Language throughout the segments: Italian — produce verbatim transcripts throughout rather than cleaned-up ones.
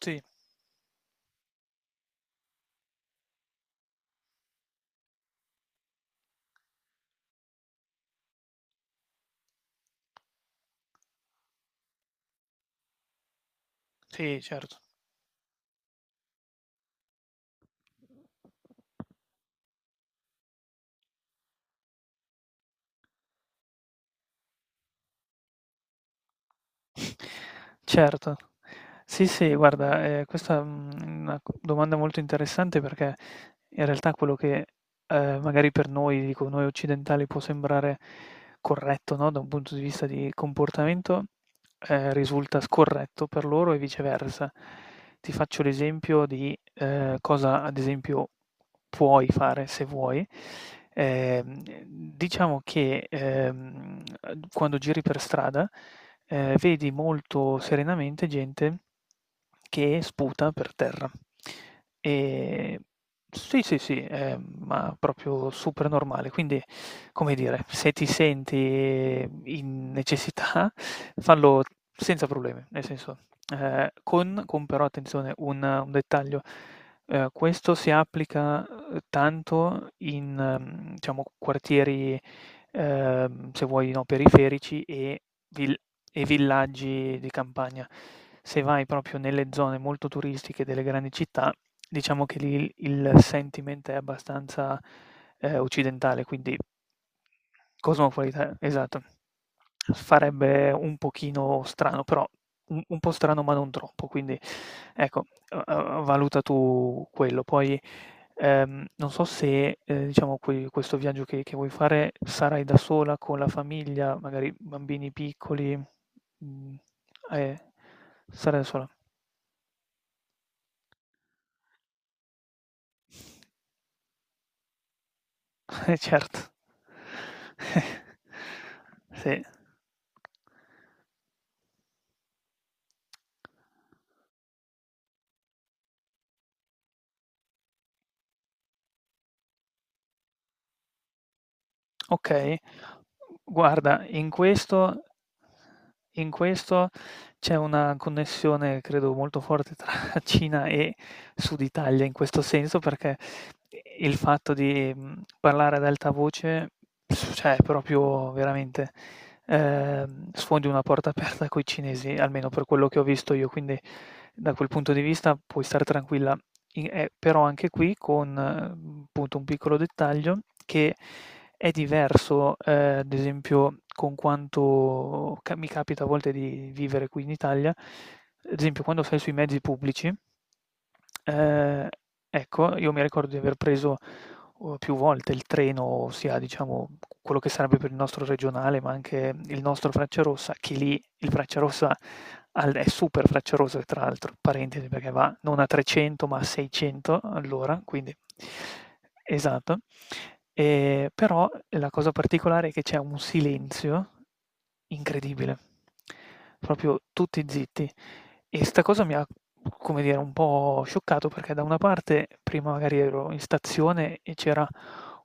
Sì, sì, certo. Certo. Sì, sì, guarda, ehm, questa, mhmm, è una c domanda molto interessante perché in realtà quello che, ehm, magari per noi, dico noi occidentali, può sembrare corretto, no, da un punto di vista di comportamento, ehm, risulta scorretto per loro e viceversa. Ti faccio l'esempio di, ehm, cosa ad esempio puoi fare se vuoi. Ehm, diciamo che, ehm, uhm, quando giri per strada, ehm, vedi molto serenamente gente che sputa per terra. Ehm, sì, sì, sì, ehm, ma proprio super normale. Quindi, come dire, se ti senti in necessità, fallo senza problemi, nel senso, ehm, con con però attenzione un un dettaglio. Ehm, questo si applica, uhm, tanto in, mhmm, diciamo quartieri, ehm, se vuoi, no, periferici e vil e villaggi di campagna. Se vai proprio nelle zone molto turistiche delle grandi città, diciamo che lì il il sentiment è abbastanza, ehm, occidentale, quindi cosmopolita, esatto. Farebbe un pochino strano, però un un po' strano ma non troppo, quindi ecco, uhm, uhm, valuta tu quello. Poi, ehm, non so se, ehm, diciamo que questo viaggio che che vuoi fare sarai da sola, con la famiglia, magari bambini piccoli, mhmm, eh, sarai da sola, eh certo. Sì. Okay. Guarda, in questo in questo c'è una connessione credo molto forte tra Cina e Sud Italia in questo senso, perché i il fatto di, mhmm, parlare ad alta voce, s- cioè è proprio veramente, ehm, sfondi una porta aperta coi cinesi, almeno per quello che ho visto io, quindi da quel punto di vista puoi star tranquilla. I ehm, Però anche qui con, mhmm, appunto un piccolo dettaglio, che è diverso, ehm, ad esempio con quanto ca mi capita a volte di vivere qui in Italia, ad esempio quando sei sui mezzi pubblici, ehm, ecco, io mi ricordo di aver preso, uhm, più volte il treno, sia diciamo quello che sarebbe per il nostro regionale, ma anche il nostro Frecciarossa, che lì il Freccia Rossa al- è super Freccia Rossa, tra l'altro, parentesi, perché va non a trecento ma a seicento all'ora, quindi esatto. Ehm, però la cosa particolare è che c'è un silenzio incredibile, proprio tutti zitti. E sta cosa mi ha, come dire, un po' scioccato perché da una parte prima magari ero in stazione e c'era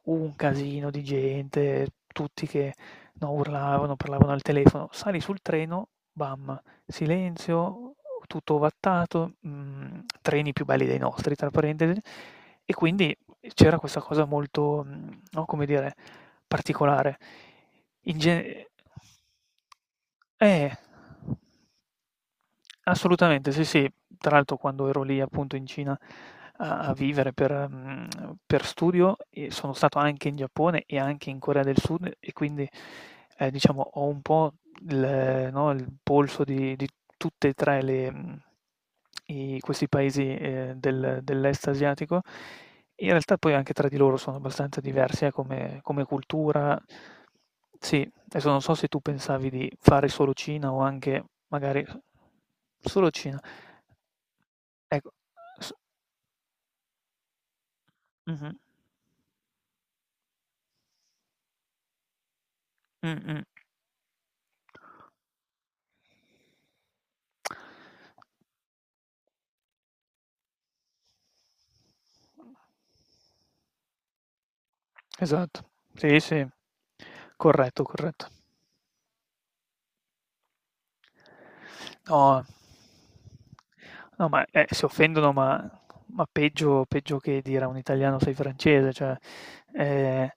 un casino di gente, tutti che, no, urlavano, parlavano al telefono. Sali sul treno, bam, silenzio, tutto ovattato, mhmm, treni più belli dei nostri tra parentesi, e quindi e c'era questa cosa molto, mhmm, no, come dire, particolare. In ge Eh. Assolutamente, sì, sì. Tra l'altro quando ero lì appunto in Cina a a vivere per mhmm, per studio e sono stato anche in Giappone e anche in Corea del Sud e quindi, ehm, diciamo ho un po' il no, il polso di di tutte e tre le mhmm, i questi paesi, ehm, del dell'est asiatico. In realtà poi anche tra di loro sono abbastanza diversi, eh, come come cultura. Sì, adesso non so se tu pensavi di fare solo Cina o anche magari solo Cina. Ecco, s mh-mh, mh-mh. Esatto, sì, sì. Corretto, corretto. No. No, ma, eh, si offendono, ma ma peggio peggio che dire a un italiano: "Sei francese", cioè, ehm,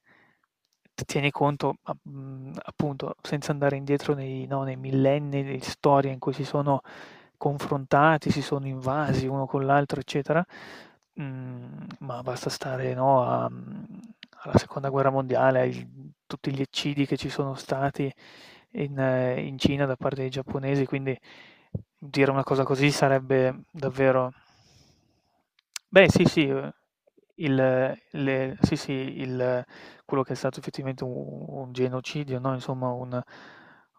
t tieni conto, a mhmm, appunto, senza andare indietro nei no, nei millenni di storia in cui si sono confrontati, si sono invasi uno con l'altro, eccetera. Mhmm, ma basta stare, no, a mhmm, alla seconda guerra mondiale, ai tutti gli eccidi che ci sono stati in eh, in Cina da parte dei giapponesi, quindi dire una cosa così sarebbe davvero. Beh sì, sì, uhm, il le sì, sì, il quello che è stato effettivamente u un genocidio, no, insomma un.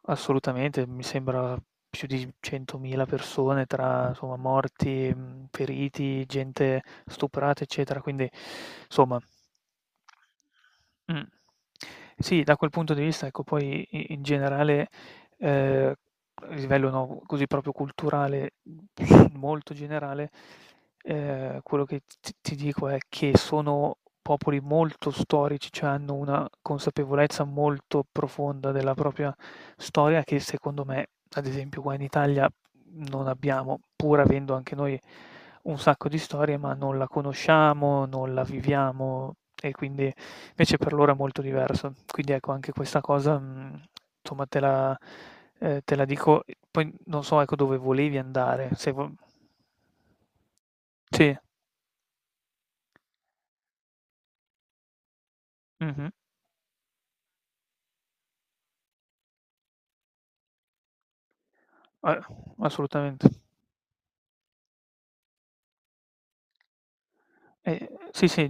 Assolutamente, mi sembra più di centomila persone tra, insomma, morti, mhmm, feriti, gente stuprata, eccetera, quindi insomma. Mh. Sì, da quel punto di vista, ecco, poi i in generale, ehm, a livello, no, così proprio culturale, molto generale. Ehm, quello che t t ti dico è che sono popoli molto storici, cioè hanno una consapevolezza molto profonda della propria storia che secondo me, ad esempio qua in Italia, non abbiamo, pur avendo anche noi un sacco di storie, ma non la conosciamo, non la viviamo e quindi invece per loro è molto diverso. Quindi ecco anche questa cosa, mhmm, insomma te la ehm, te la dico e poi non so ecco dove volevi andare, se vo sì, mh-mh, eh, assolutamente. E sì, sì,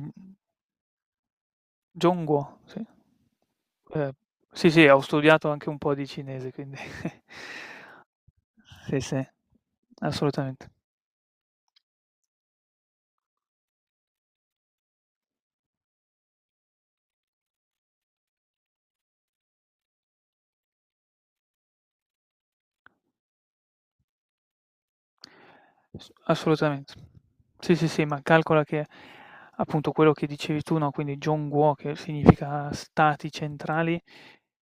John Guo, sì. Ehm, sì, sì, ho studiato anche un po' di cinese, quindi sì, sì, assolutamente. S assolutamente. Sì, sì, sì, ma calcola che appunto quello che dicevi tu, no, quindi jonguo che significa stati centrali,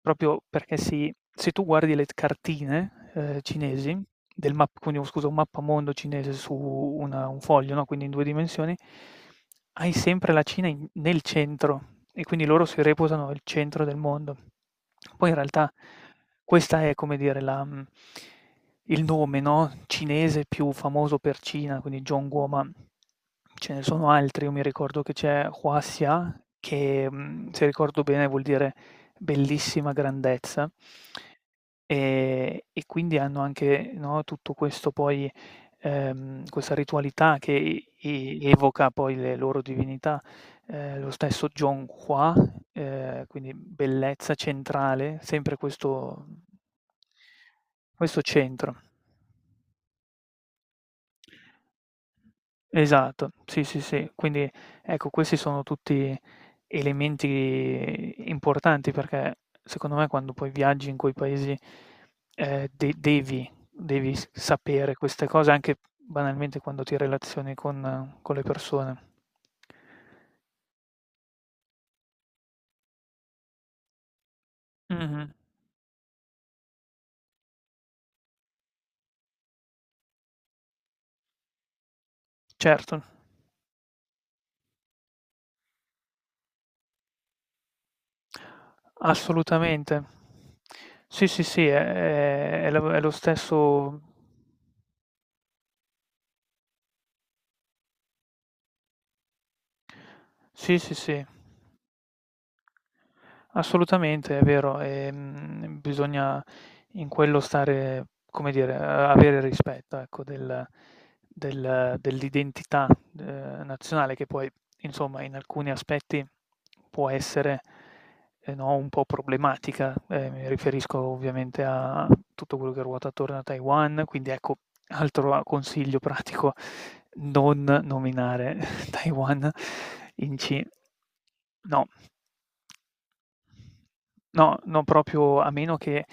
proprio perché si se tu guardi le t cartine, ehm, cinesi del map quindi un scusa, un mappamondo cinese su una un foglio, no, quindi in due dimensioni, hai sempre la Cina in nel centro. E quindi loro si reputano il centro del mondo. Poi in realtà questa è, come dire, la mhmm, il nome, no, cinese più famoso per Cina, quindi Zhongguo, ma ce ne sono altri. Io mi ricordo che c'è Huaxia che, mhmm, se ricordo bene vuol dire bellissima grandezza. Ehm, e quindi hanno anche, no, tutto questo poi ehm, questa ritualità che e evoca poi le loro divinità. Ehm, lo stesso John Qua, ehm, quindi bellezza centrale, sempre questo questo centro. Esatto, sì, sì, sì. Quindi ecco, questi sono tutti elementi importanti perché secondo me quando poi viaggi in quei paesi, ehm, de devi devi s sapere queste cose anche banalmente quando ti relazioni con con le persone. Mh-mh, certo. Assolutamente. Sì, sì, sì, è è è lo è lo stesso sì, sì, sì. Assolutamente, è vero. Ehm, bisogna in quello stare, come dire, a avere rispetto, ecco, del del dell'identità, ehm, nazionale che poi, insomma, in alcuni aspetti può essere eh no, un po' problematica, eh, mi riferisco ovviamente a tutto quello che ruota attorno a Taiwan, quindi ecco, altro consiglio pratico, non nominare Taiwan in ci no. No, no, proprio a meno che,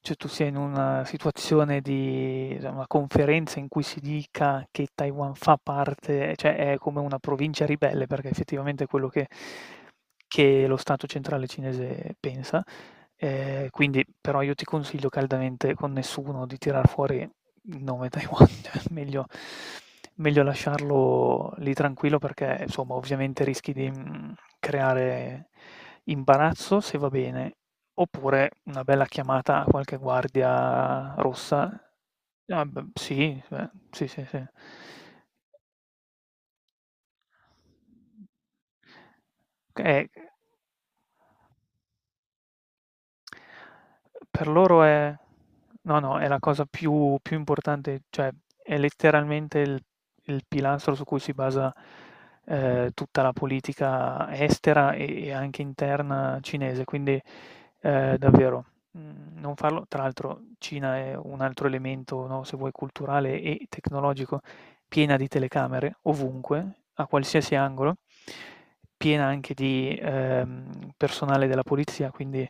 cioè, tu sia in una situazione di cioè, una conferenza in cui si dica che Taiwan fa parte cioè è come una provincia ribelle, perché effettivamente quello che che lo Stato centrale cinese pensa. Ehm, quindi però io ti consiglio caldamente con nessuno di tirar fuori il nome Taiwan, cioè meglio meglio lasciarlo lì tranquillo perché insomma ovviamente rischi di, mhmm, creare imbarazzo se va bene, oppure una bella chiamata a qualche guardia rossa. Ah b sì, cioè sì, sì, sì. Che è Per loro è no, no, è la cosa più più importante, cioè è letteralmente il il pilastro su cui si basa, ehm, tutta la politica estera e e anche interna cinese, quindi, ehm, davvero, mhmm, non farlo. Tra l'altro Cina è un altro elemento, no, se vuoi culturale e tecnologico, piena di telecamere ovunque, a qualsiasi angolo, piena anche di, ehm, personale della polizia, quindi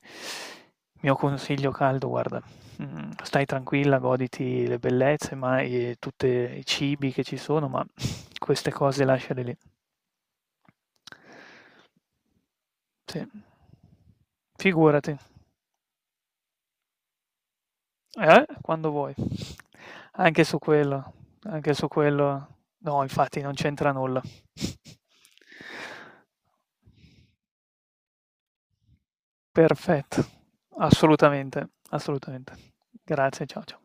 mio consiglio caldo, guarda, mhmm, stai tranquilla, goditi le bellezze ma e tutte i cibi che ci sono, ma queste cose lasciale lì. Sì. Figurati. Eh, quando vuoi. Anche su quello, anche su quello no, infatti non c'entra nulla. Perfetto. Assolutamente, assolutamente. Grazie, ciao, ciao.